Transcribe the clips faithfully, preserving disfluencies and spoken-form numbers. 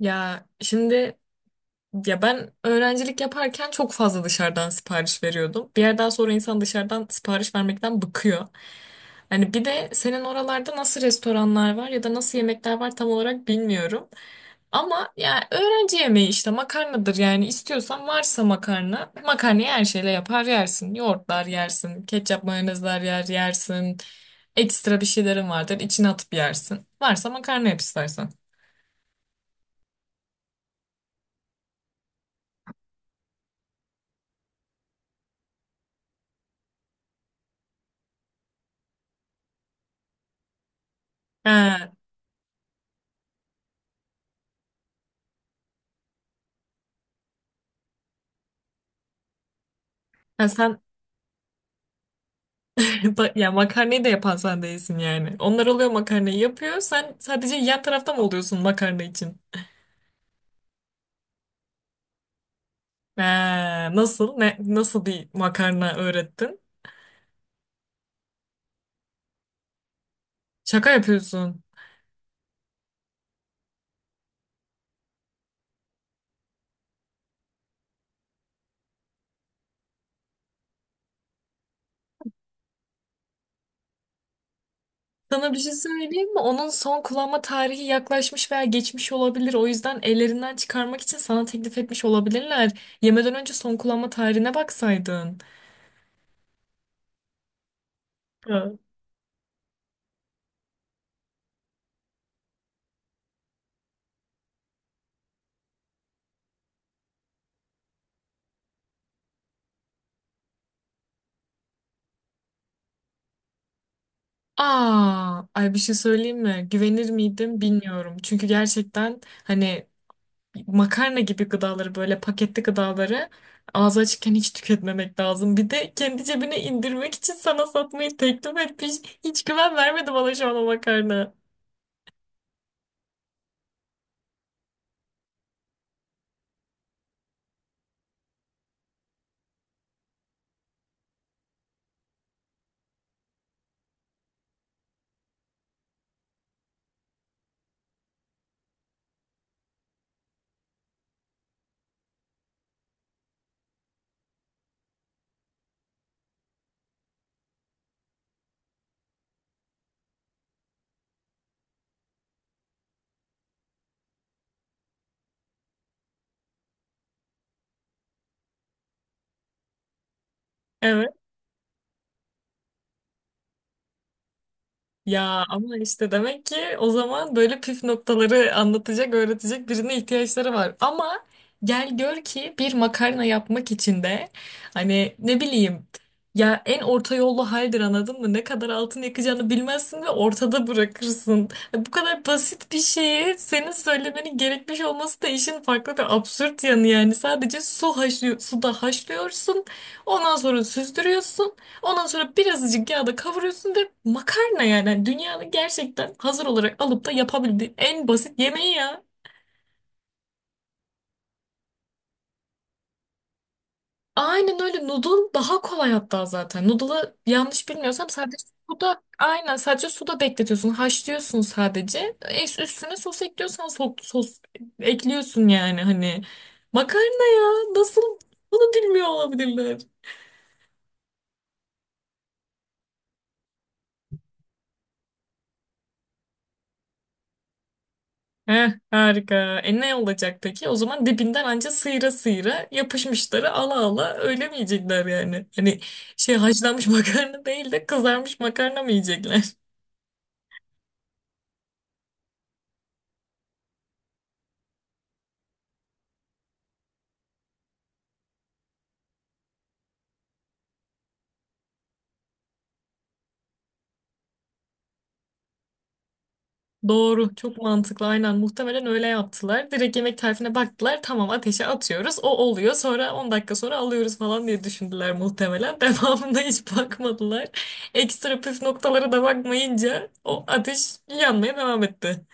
Ya şimdi ya ben öğrencilik yaparken çok fazla dışarıdan sipariş veriyordum. Bir yerden sonra insan dışarıdan sipariş vermekten bıkıyor. Hani bir de senin oralarda nasıl restoranlar var ya da nasıl yemekler var tam olarak bilmiyorum. Ama ya öğrenci yemeği işte makarnadır yani istiyorsan varsa makarna, makarnayı her şeyle yapar yersin. Yoğurtlar yersin, ketçap mayonezler yer yersin. Ekstra bir şeylerin vardır içine atıp yersin. Varsa makarna yap istersen. Ha. Ha, sen. Ba- Ya makarnayı da yapan sen değilsin yani. Onlar oluyor makarnayı yapıyor. Sen sadece yan tarafta mı oluyorsun makarna için? Ha, nasıl? Ne, nasıl bir makarna öğrettin? Şaka yapıyorsun. Sana bir şey söyleyeyim mi? Onun son kullanma tarihi yaklaşmış veya geçmiş olabilir. O yüzden ellerinden çıkarmak için sana teklif etmiş olabilirler. Yemeden önce son kullanma tarihine baksaydın. Ha. Aa, ay bir şey söyleyeyim mi? Güvenir miydim bilmiyorum. Çünkü gerçekten hani makarna gibi gıdaları böyle paketli gıdaları ağzı açıkken hiç tüketmemek lazım. Bir de kendi cebine indirmek için sana satmayı teklif etmiş. Hiç güven vermedi bana şu an o makarna. Evet. Ya ama işte demek ki o zaman böyle püf noktaları anlatacak, öğretecek birine ihtiyaçları var. Ama gel gör ki bir makarna yapmak için de hani ne bileyim, ya en orta yollu haldir, anladın mı? Ne kadar altın yakacağını bilmezsin ve ortada bırakırsın. Bu kadar basit bir şeyi senin söylemenin gerekmiş olması da işin farklı ve absürt yanı yani. Sadece su haşlıyor, suda haşlıyorsun. Ondan sonra süzdürüyorsun. Ondan sonra birazcık yağda kavuruyorsun ve makarna yani. Yani dünyanın gerçekten hazır olarak alıp da yapabildiğin en basit yemeği ya. Aynen öyle, noodle daha kolay hatta zaten. Noodle'ı yanlış bilmiyorsam sadece suda, aynen sadece suda bekletiyorsun. Haşlıyorsun sadece. Es- Üstüne sos ekliyorsan so- sos ekliyorsun yani hani. Makarna ya nasıl bunu bilmiyor olabilirler. Heh, harika. E ne olacak peki? O zaman dibinden anca sıyıra sıyıra yapışmışları ala ala öyle mi yiyecekler yani? Hani şey, haşlanmış makarna değil de kızarmış makarna mı yiyecekler? Doğru, çok mantıklı. Aynen muhtemelen öyle yaptılar. Direkt yemek tarifine baktılar. Tamam, ateşe atıyoruz. O oluyor. Sonra on dakika sonra alıyoruz falan diye düşündüler muhtemelen. Devamında hiç bakmadılar. Ekstra püf noktalara da bakmayınca o ateş yanmaya devam etti.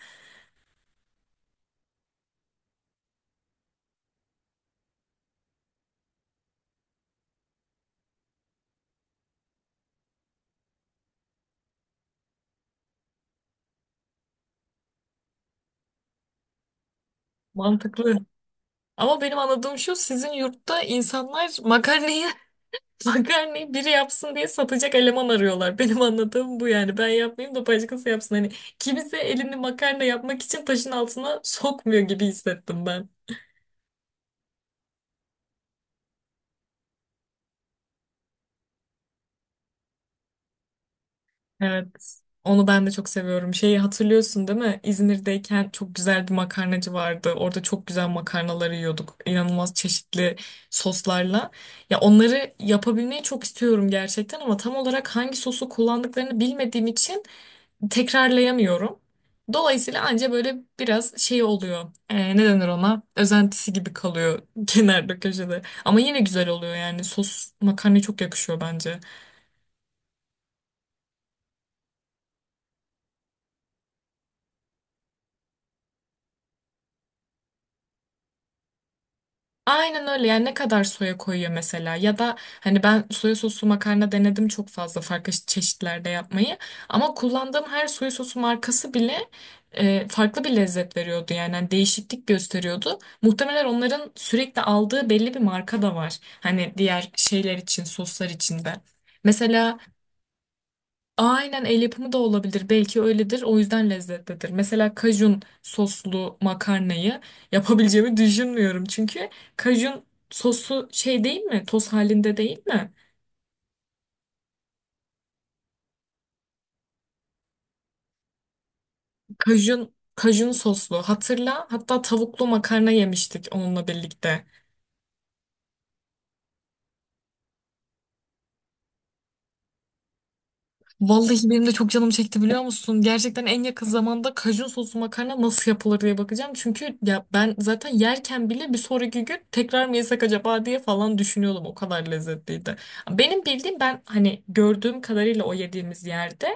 Mantıklı. Ama benim anladığım şu: sizin yurtta insanlar makarnayı makarnayı biri yapsın diye satacak eleman arıyorlar. Benim anladığım bu yani. Ben yapmayayım da başkası yapsın. Hani kimse elini makarna yapmak için taşın altına sokmuyor gibi hissettim ben. Evet. Onu ben de çok seviyorum. Şeyi hatırlıyorsun değil mi? İzmir'deyken çok güzel bir makarnacı vardı. Orada çok güzel makarnaları yiyorduk. İnanılmaz çeşitli soslarla. Ya onları yapabilmeyi çok istiyorum gerçekten ama tam olarak hangi sosu kullandıklarını bilmediğim için tekrarlayamıyorum. Dolayısıyla anca böyle biraz şey oluyor. Ee, ne denir ona? Özentisi gibi kalıyor kenarda köşede. Ama yine güzel oluyor yani. Sos makarnaya çok yakışıyor bence. Aynen öyle yani, ne kadar soya koyuyor mesela ya da hani ben soya soslu makarna denedim çok fazla farklı çeşitlerde yapmayı ama kullandığım her soya sosu markası bile e, farklı bir lezzet veriyordu yani. Hani değişiklik gösteriyordu. Muhtemelen onların sürekli aldığı belli bir marka da var hani diğer şeyler için, soslar için de. Mesela aynen el yapımı da olabilir. Belki öyledir. O yüzden lezzetlidir. Mesela kajun soslu makarnayı yapabileceğimi düşünmüyorum. Çünkü kajun sosu şey değil mi? Toz halinde değil mi? Kajun, kajun soslu. Hatırla. Hatta tavuklu makarna yemiştik onunla birlikte. Vallahi benim de çok canım çekti, biliyor musun? Gerçekten en yakın zamanda kajun soslu makarna nasıl yapılır diye bakacağım. Çünkü ya ben zaten yerken bile bir sonraki gün tekrar mı yesek acaba diye falan düşünüyordum. O kadar lezzetliydi. Benim bildiğim, ben hani gördüğüm kadarıyla o yediğimiz yerde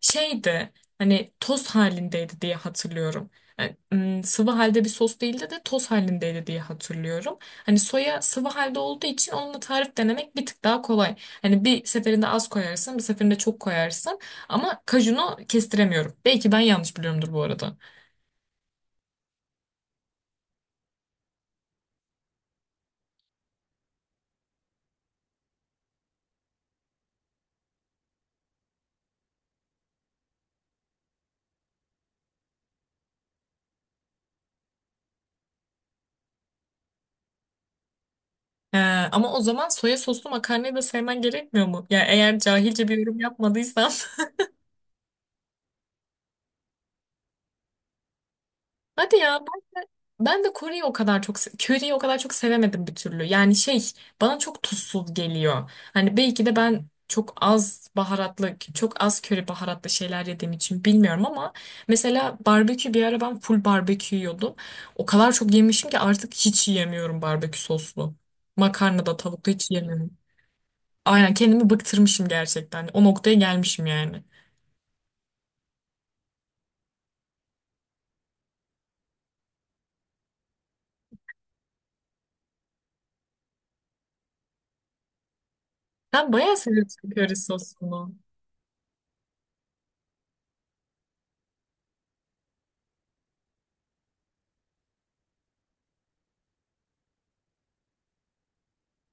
şeydi, hani toz halindeydi diye hatırlıyorum. Yani, ım, sıvı halde bir sos değildi de toz halindeydi diye hatırlıyorum. Hani soya sıvı halde olduğu için onunla tarif denemek bir tık daha kolay. Hani bir seferinde az koyarsın, bir seferinde çok koyarsın. Ama kajunu kestiremiyorum. Belki ben yanlış biliyorumdur bu arada. Ee, ama o zaman soya soslu makarnayı da sevmen gerekmiyor mu? Ya eğer cahilce bir yorum yapmadıysam. Hadi ya. Ben de Kore'yi o kadar çok se- Curry'yi o kadar çok sevemedim bir türlü. Yani şey, bana çok tuzsuz geliyor. Hani belki de ben çok az baharatlı, çok az köri baharatlı şeyler yediğim için bilmiyorum ama mesela barbekü, bir ara ben full barbekü yiyordum. O kadar çok yemişim ki artık hiç yiyemiyorum barbekü soslu. Makarna da tavuk da hiç yiyemiyorum. Aynen kendimi bıktırmışım gerçekten. O noktaya gelmişim yani. Ben bayağı seviyorum köri sosunu.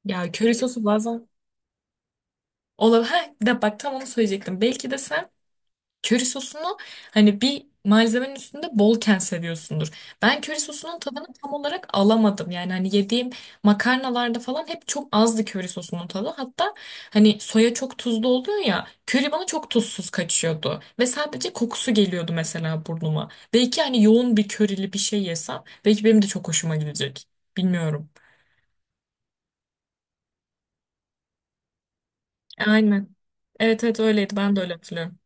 Ya köri sosu bazen olabilir. Ha, de bak tam onu söyleyecektim. Belki de sen köri sosunu hani bir malzemenin üstünde bolken seviyorsundur. Ben köri sosunun tadını tam olarak alamadım. Yani hani yediğim makarnalarda falan hep çok azdı köri sosunun tadı. Hatta hani soya çok tuzlu oluyor ya. Köri bana çok tuzsuz kaçıyordu. Ve sadece kokusu geliyordu mesela burnuma. Belki hani yoğun bir körili bir şey yesem belki benim de çok hoşuma gidecek. Bilmiyorum. Aynen. Evet, evet öyleydi. Ben de öyle hatırlıyorum.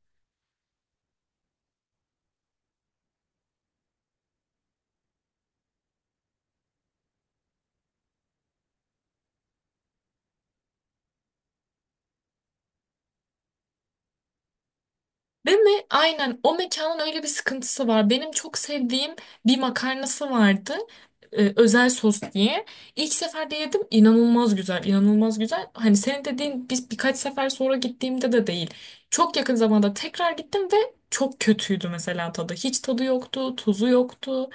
Değil mi? Aynen. O mekanın öyle bir sıkıntısı var. Benim çok sevdiğim bir makarnası vardı. e, özel sos diye. İlk seferde yedim. İnanılmaz güzel. İnanılmaz güzel. Hani senin dediğin, biz birkaç sefer sonra gittiğimde de değil. Çok yakın zamanda tekrar gittim ve çok kötüydü mesela tadı. Hiç tadı yoktu. Tuzu yoktu.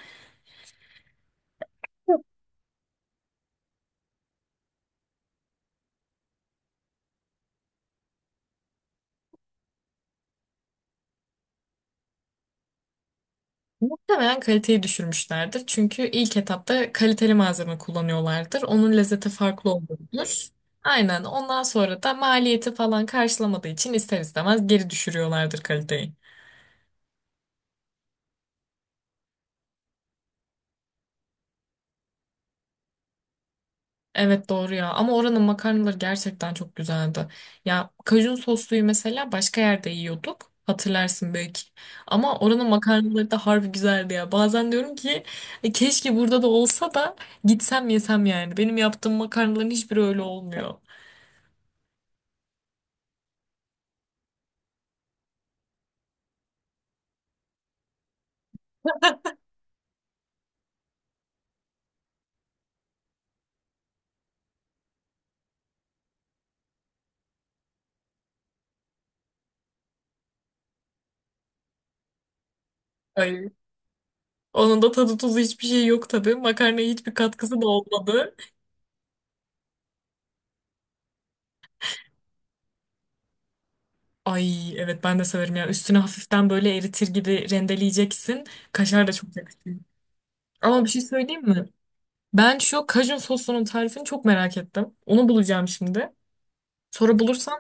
Muhtemelen kaliteyi düşürmüşlerdir. Çünkü ilk etapta kaliteli malzeme kullanıyorlardır. Onun lezzeti farklı oluyordur. Aynen. Ondan sonra da maliyeti falan karşılamadığı için ister istemez geri düşürüyorlardır kaliteyi. Evet doğru ya. Ama oranın makarnaları gerçekten çok güzeldi. Ya kajun sosluyu mesela başka yerde yiyorduk. Hatırlarsın belki. Ama oranın makarnaları da harbi güzeldi ya. Bazen diyorum ki "E, keşke burada da olsa da gitsem yesem" yani. Benim yaptığım makarnaların hiçbiri öyle olmuyor. Ay, onun da tadı tuzu hiçbir şey yok tabii. Makarnaya hiçbir katkısı da olmadı. Ay evet, ben de severim ya. Üstüne hafiften böyle eritir gibi rendeleyeceksin. Kaşar da çok yakışıyor. Ama bir şey söyleyeyim mi? Ben şu kajun sosunun tarifini çok merak ettim. Onu bulacağım şimdi. Sonra bulursam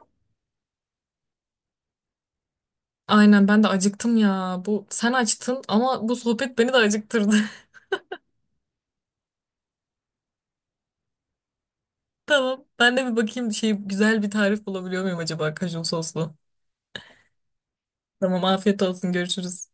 aynen, ben de acıktım ya. Bu sen açtın ama bu sohbet beni de acıktırdı. Tamam. Ben de bir bakayım, şey, güzel bir tarif bulabiliyor muyum acaba kajun soslu? Tamam afiyet olsun, görüşürüz.